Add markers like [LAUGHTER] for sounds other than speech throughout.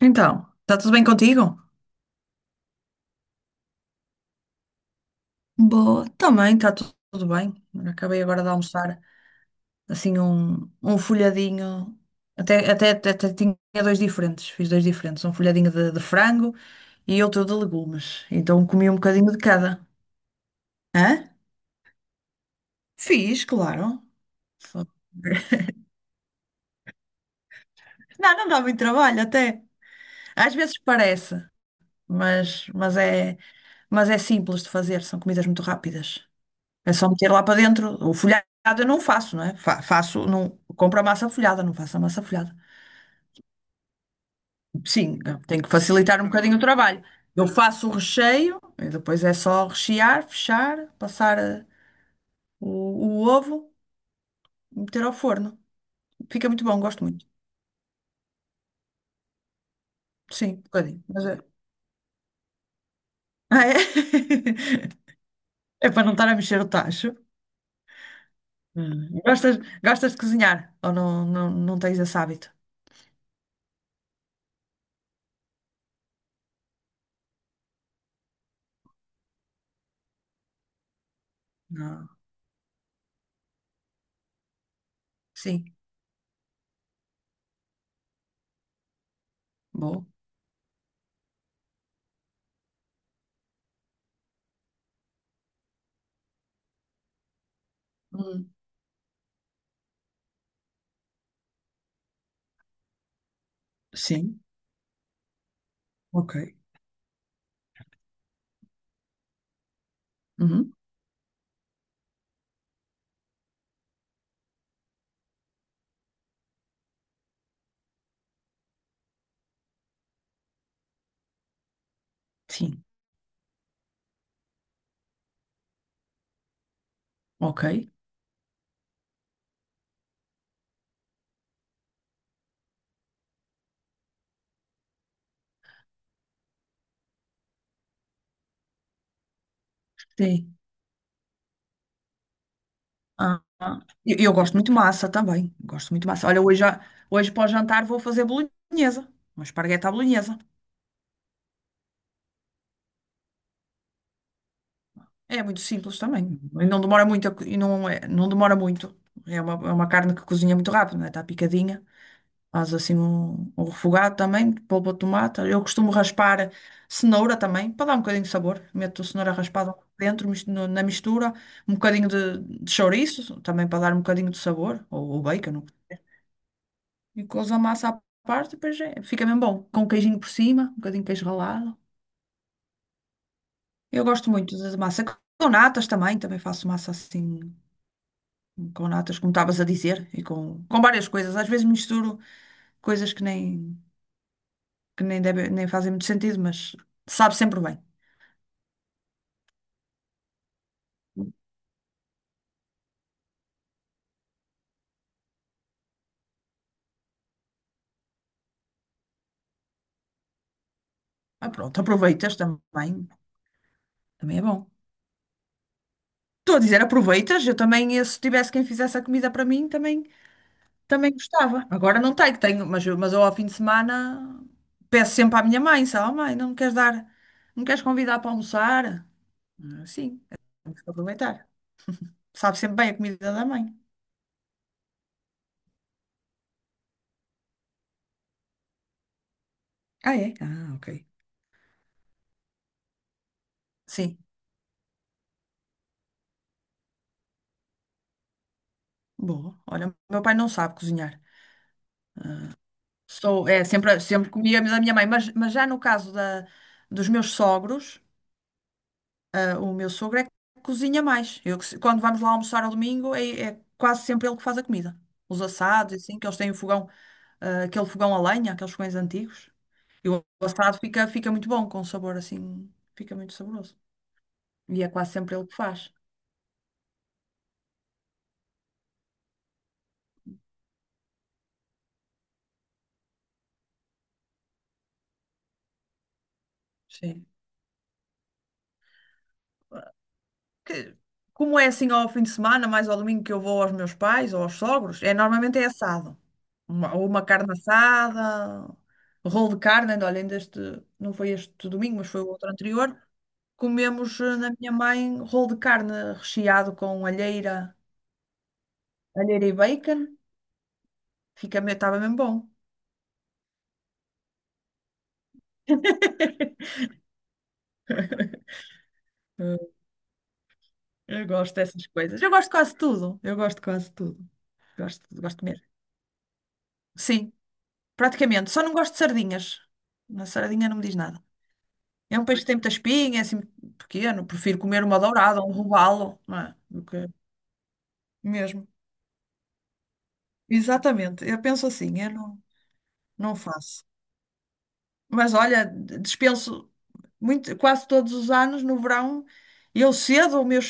Então, está tudo bem contigo? Boa, também está tudo bem. Acabei agora de almoçar assim um folhadinho, até tinha dois diferentes, fiz dois diferentes, um folhadinho de frango e outro de legumes. Então comi um bocadinho de cada. Hã? Fiz, claro. Foi. [LAUGHS] Não, não dá muito trabalho até. Às vezes parece, mas mas é simples de fazer, são comidas muito rápidas. É só meter lá para dentro. O folhado eu não faço, não é? Faço, não, compro a massa folhada, não faço a massa folhada. Sim, eu tenho que facilitar um bocadinho o trabalho. Eu faço o recheio, e depois é só rechear, fechar, passar o ovo e meter ao forno. Fica muito bom, gosto muito. Sim, um bocadinho. Mas é... Ah, é? [LAUGHS] É para não estar a mexer o tacho. Hum. Gostas, gostas de cozinhar? Ou não, não, não tens esse hábito? Não. Sim, bom. Hum. Sim, ok. Uhum. Sim, ok. Sim. Ah, ah. Eu gosto muito de massa também. Gosto muito de massa. Olha, hoje, hoje para o jantar vou fazer bolonhesa. Uma espargueta à bolonhesa. É muito simples também. E não demora muito. E não, não demora muito. É uma carne que cozinha muito rápido, não é? Está picadinha. Faz assim um refogado também, polpa de tomate. Eu costumo raspar cenoura também, para dar um bocadinho de sabor. Meto cenoura raspada dentro, na mistura. Um bocadinho de chouriço, também para dar um bocadinho de sabor. Ou bacon. E couves a massa à parte, depois fica mesmo bom. Com um queijinho por cima, um bocadinho de queijo ralado. Eu gosto muito da massa. Com natas também, também faço massa assim, com natas, como estavas a dizer, e com várias coisas. Às vezes misturo coisas que nem, deve, nem fazem muito sentido, mas sabe sempre bem. Ah, pronto, aproveitas também, também é bom. Estou a dizer, aproveitas, eu também, se tivesse quem fizesse a comida para mim, também também gostava. Agora não tenho, tenho, mas, mas eu ao fim de semana peço sempre à minha mãe, sabe, "Oh, mãe, não me queres dar, não me queres convidar para almoçar? Ah, sim, temos que aproveitar. Sabe sempre bem a comida da mãe. Ah, é? Ah, ok. Sim, boa. Olha, o meu pai não sabe cozinhar. Sou, é, sempre, sempre comia da minha mãe, mas já no caso dos meus sogros, ah, o meu sogro é que cozinha mais. Eu, que quando vamos lá almoçar ao domingo, é, é quase sempre ele que faz a comida. Os assados, e assim, que eles têm o fogão ah, aquele fogão a lenha, aqueles fogões antigos. E o assado fica, fica muito bom, com um sabor assim, fica muito saboroso. E é quase sempre ele que faz. Sim. Que- como é assim ao fim de semana, mais ao domingo que eu vou aos meus pais ou aos sogros, é normalmente é assado. Uma, ou uma carne assada, rolo de carne, ainda, olha, ainda este, não foi este domingo, mas foi o outro anterior. Comemos na minha mãe rolo de carne recheado com alheira, alheira e bacon. Fica, estava mesmo bom. [LAUGHS] Eu gosto dessas coisas. Eu gosto de quase tudo. Eu gosto de quase tudo. Gosto, gosto mesmo. Sim, praticamente. Só não gosto de sardinhas. Na sardinha não me diz nada. É um peixe que tem muita espinha, é assim pequeno. Prefiro comer uma dourada, um robalo, não é? Do que... Mesmo. Exatamente. Eu penso assim, eu não, não faço. Mas olha, dispenso muito, quase todos os anos, no verão, eu cedo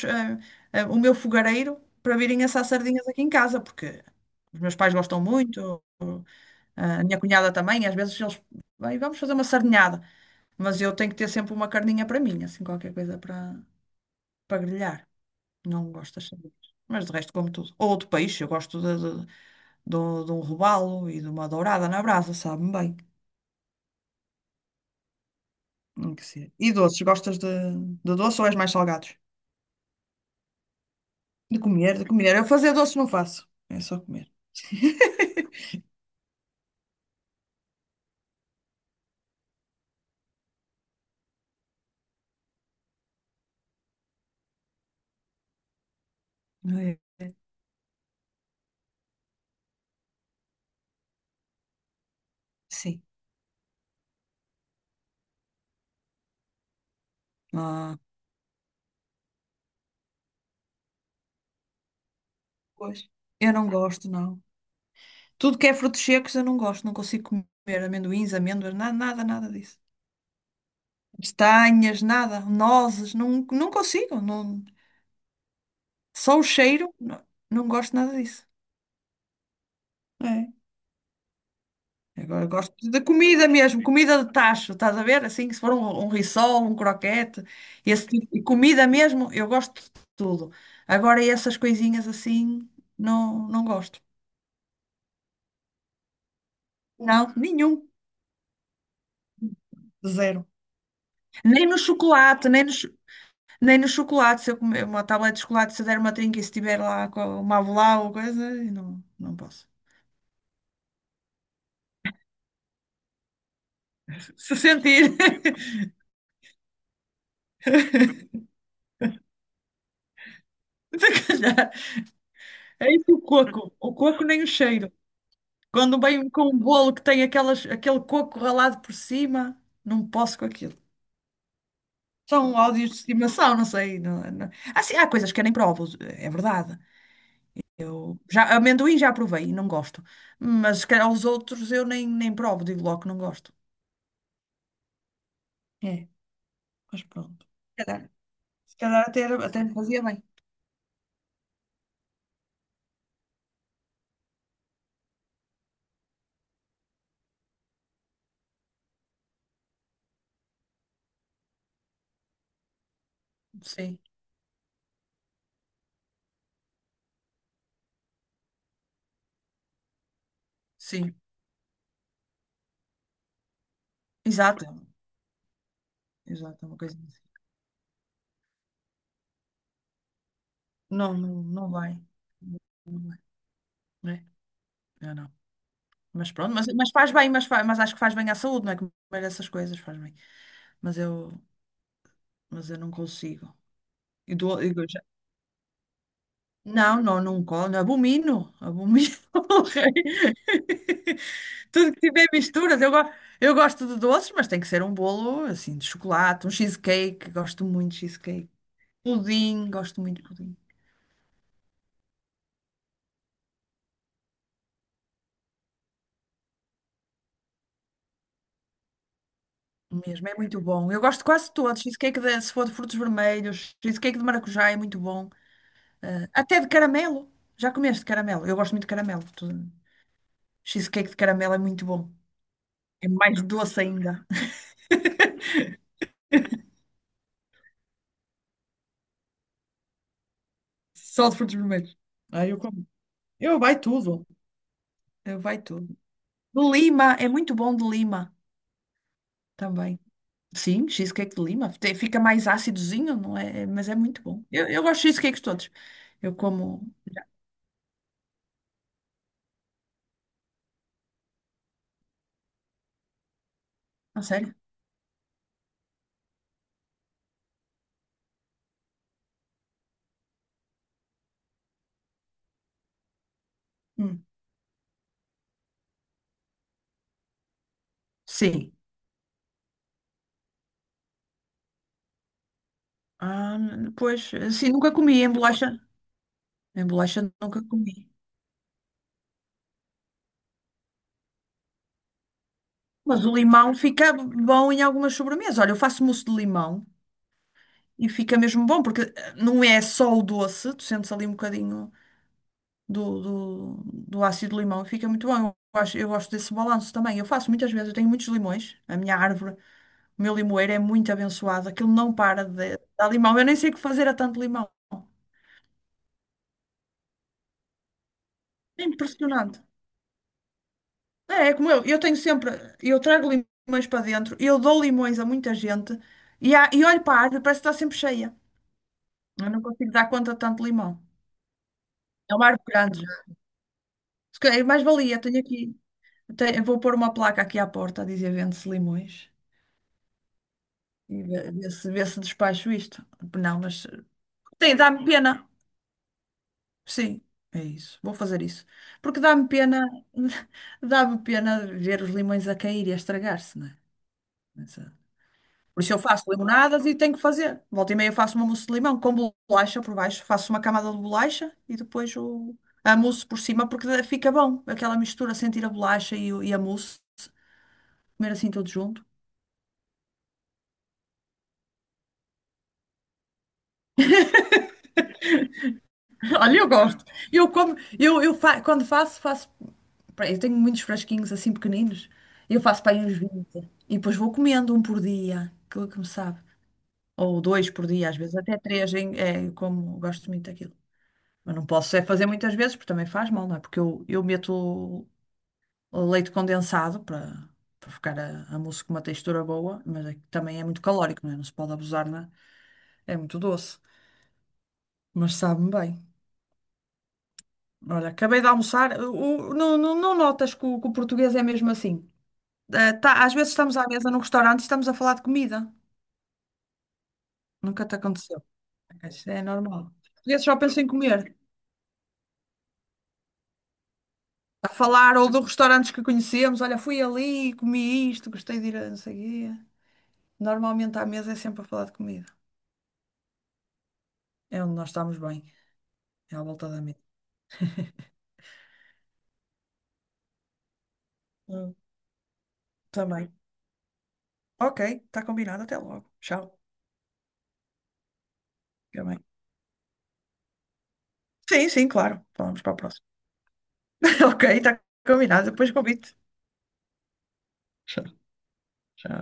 o meu fogareiro para virem assar sardinhas aqui em casa, porque os meus pais gostam muito. Ah, a minha cunhada também, às vezes eles, bem, vamos fazer uma sardinhada, mas eu tenho que ter sempre uma carninha para mim, assim, qualquer coisa para grelhar. Não gosto das sardinhas. Mas de resto como tudo. Ou outro peixe, eu gosto de um robalo e de uma dourada na brasa, sabe-me bem. Tem que ser. E doces, gostas de doce ou és mais salgados? De comer, de comer. Eu fazer doce não faço, é só comer. [LAUGHS] Ai, sim. Ah, pois. Eu não gosto, não. Tudo que é frutos secos eu não gosto, não consigo comer amendoins, amêndoas, nada, nada, nada disso. Castanhas, nada, nozes, não, não consigo. Não, só o cheiro, não, não gosto nada disso. É. Agora gosto da comida mesmo, comida de tacho, estás a ver? Assim, se for um rissol, um croquete, esse tipo de comida mesmo, eu gosto de tudo. Agora essas coisinhas assim, não, não gosto. Não, nenhum, zero. Nem no chocolate, nem no. Nem no chocolate, se eu comer uma tablet de chocolate, se eu der uma trinca e se tiver lá com uma avelã ou coisa, eu não, não posso. Se sentir, [LAUGHS] se calhar. É isso o coco. O coco nem o cheiro. Quando vem com um bolo que tem aquelas, aquele coco ralado por cima, não posso com aquilo. São ódios de estimação, não sei. Não, não. Assim, há coisas que eu nem provo, é verdade. Eu já, amendoim já provei e não gosto. Mas se calhar os outros eu nem, nem provo, digo logo que não gosto. É, mas pronto. Se calhar até, até me fazia bem. Sim, sim. Exato. Exato, é uma coisa assim. Não, não, não vai. Né? Eu não. Mas pronto, mas faz bem, mas, faz, mas acho que faz bem à saúde, não é? Comer essas coisas faz bem. Mas eu, mas eu não consigo. E dou, e dou já- Não, não, não como. Abomino. Abomino. [LAUGHS] Tudo que tiver misturas. Eu gosto de doces, mas tem que ser um bolo assim de chocolate, um cheesecake. Gosto muito de cheesecake. Pudim, gosto muito de pudim. Mesmo, é muito bom. Eu gosto de quase todos. Cheesecake de, se for de frutos vermelhos, cheesecake de maracujá é muito bom. Até de caramelo. Já comeste caramelo? Eu gosto muito de caramelo. Cheesecake de caramelo é muito bom. É mais doce ainda. [LAUGHS] Só de frutos vermelhos. Ah, eu como. Eu vai tudo. Eu vai tudo. De lima, é muito bom de lima também. Sim, cheesecake de lima. Fica mais ácidozinho, não é? Mas é muito bom. Eu gosto de cheesecakes todos. Eu como. Já. A sério? Hum. Sim. Ah, pois, assim, nunca comi em bolacha. Em bolacha nunca comi. Mas o limão fica bom em algumas sobremesas. Olha, eu faço mousse de limão e fica mesmo bom, porque não é só o doce, tu sentes ali um bocadinho do, do ácido do limão e fica muito bom. Eu gosto desse balanço também. Eu faço muitas vezes, eu tenho muitos limões. A minha árvore, o meu limoeiro é muito abençoado. Aquilo não para de dar limão. Eu nem sei o que fazer a tanto limão. É impressionante. Eu tenho sempre, eu trago limões para dentro, eu dou limões a muita gente e olho para a árvore, parece que está sempre cheia. Eu não consigo dar conta de tanto limão. É uma árvore grande já. Se calhar, mais valia, tenho aqui, vou pôr uma placa aqui à porta a dizer vende-se limões e ver se despacho isto. Não, mas tem, dá-me pena. Sim, é isso, vou fazer isso. Porque dá-me pena, [LAUGHS] dá-me pena ver os limões a cair e a estragar-se, não é? Por isso eu faço limonadas e tenho que fazer. Volta e meia faço uma mousse de limão com bolacha por baixo, faço uma camada de bolacha e depois a mousse por cima, porque fica bom aquela mistura, sentir a bolacha e a mousse, comer assim tudo junto. [LAUGHS] Olha, eu gosto. Eu como, quando faço, faço. Pá, eu tenho muitos frasquinhos assim pequeninos, eu faço para aí uns 20 e depois vou comendo um por dia, que me sabe. Ou dois por dia, às vezes, até três, é, eu como gosto muito daquilo. Mas não posso é fazer muitas vezes, porque também faz mal, não é? Porque eu meto leite condensado para ficar a mousse com uma textura boa, mas é que também é muito calórico, não é? Não se pode abusar, não é? É muito doce, mas sabe-me bem. Olha, acabei de almoçar. Não, não, não notas que o português é mesmo assim? Eh, tá, às vezes estamos à mesa num restaurante e estamos a falar de comida. Nunca te aconteceu. É, isso é normal. Os portugueses só pensam em comer. A falar ou de restaurantes que conhecemos. Olha, fui ali, comi isto, gostei de ir a não sei o quê. Normalmente à mesa é sempre a falar de comida. É onde nós estamos bem. É à volta da mesa. Hum, também. Ok, está combinado. Até logo. Tchau. Fica bem. Sim, sim, claro. Falamos para a próxima. [LAUGHS] Ok, está combinado. Depois convido. Tchau. Tchau.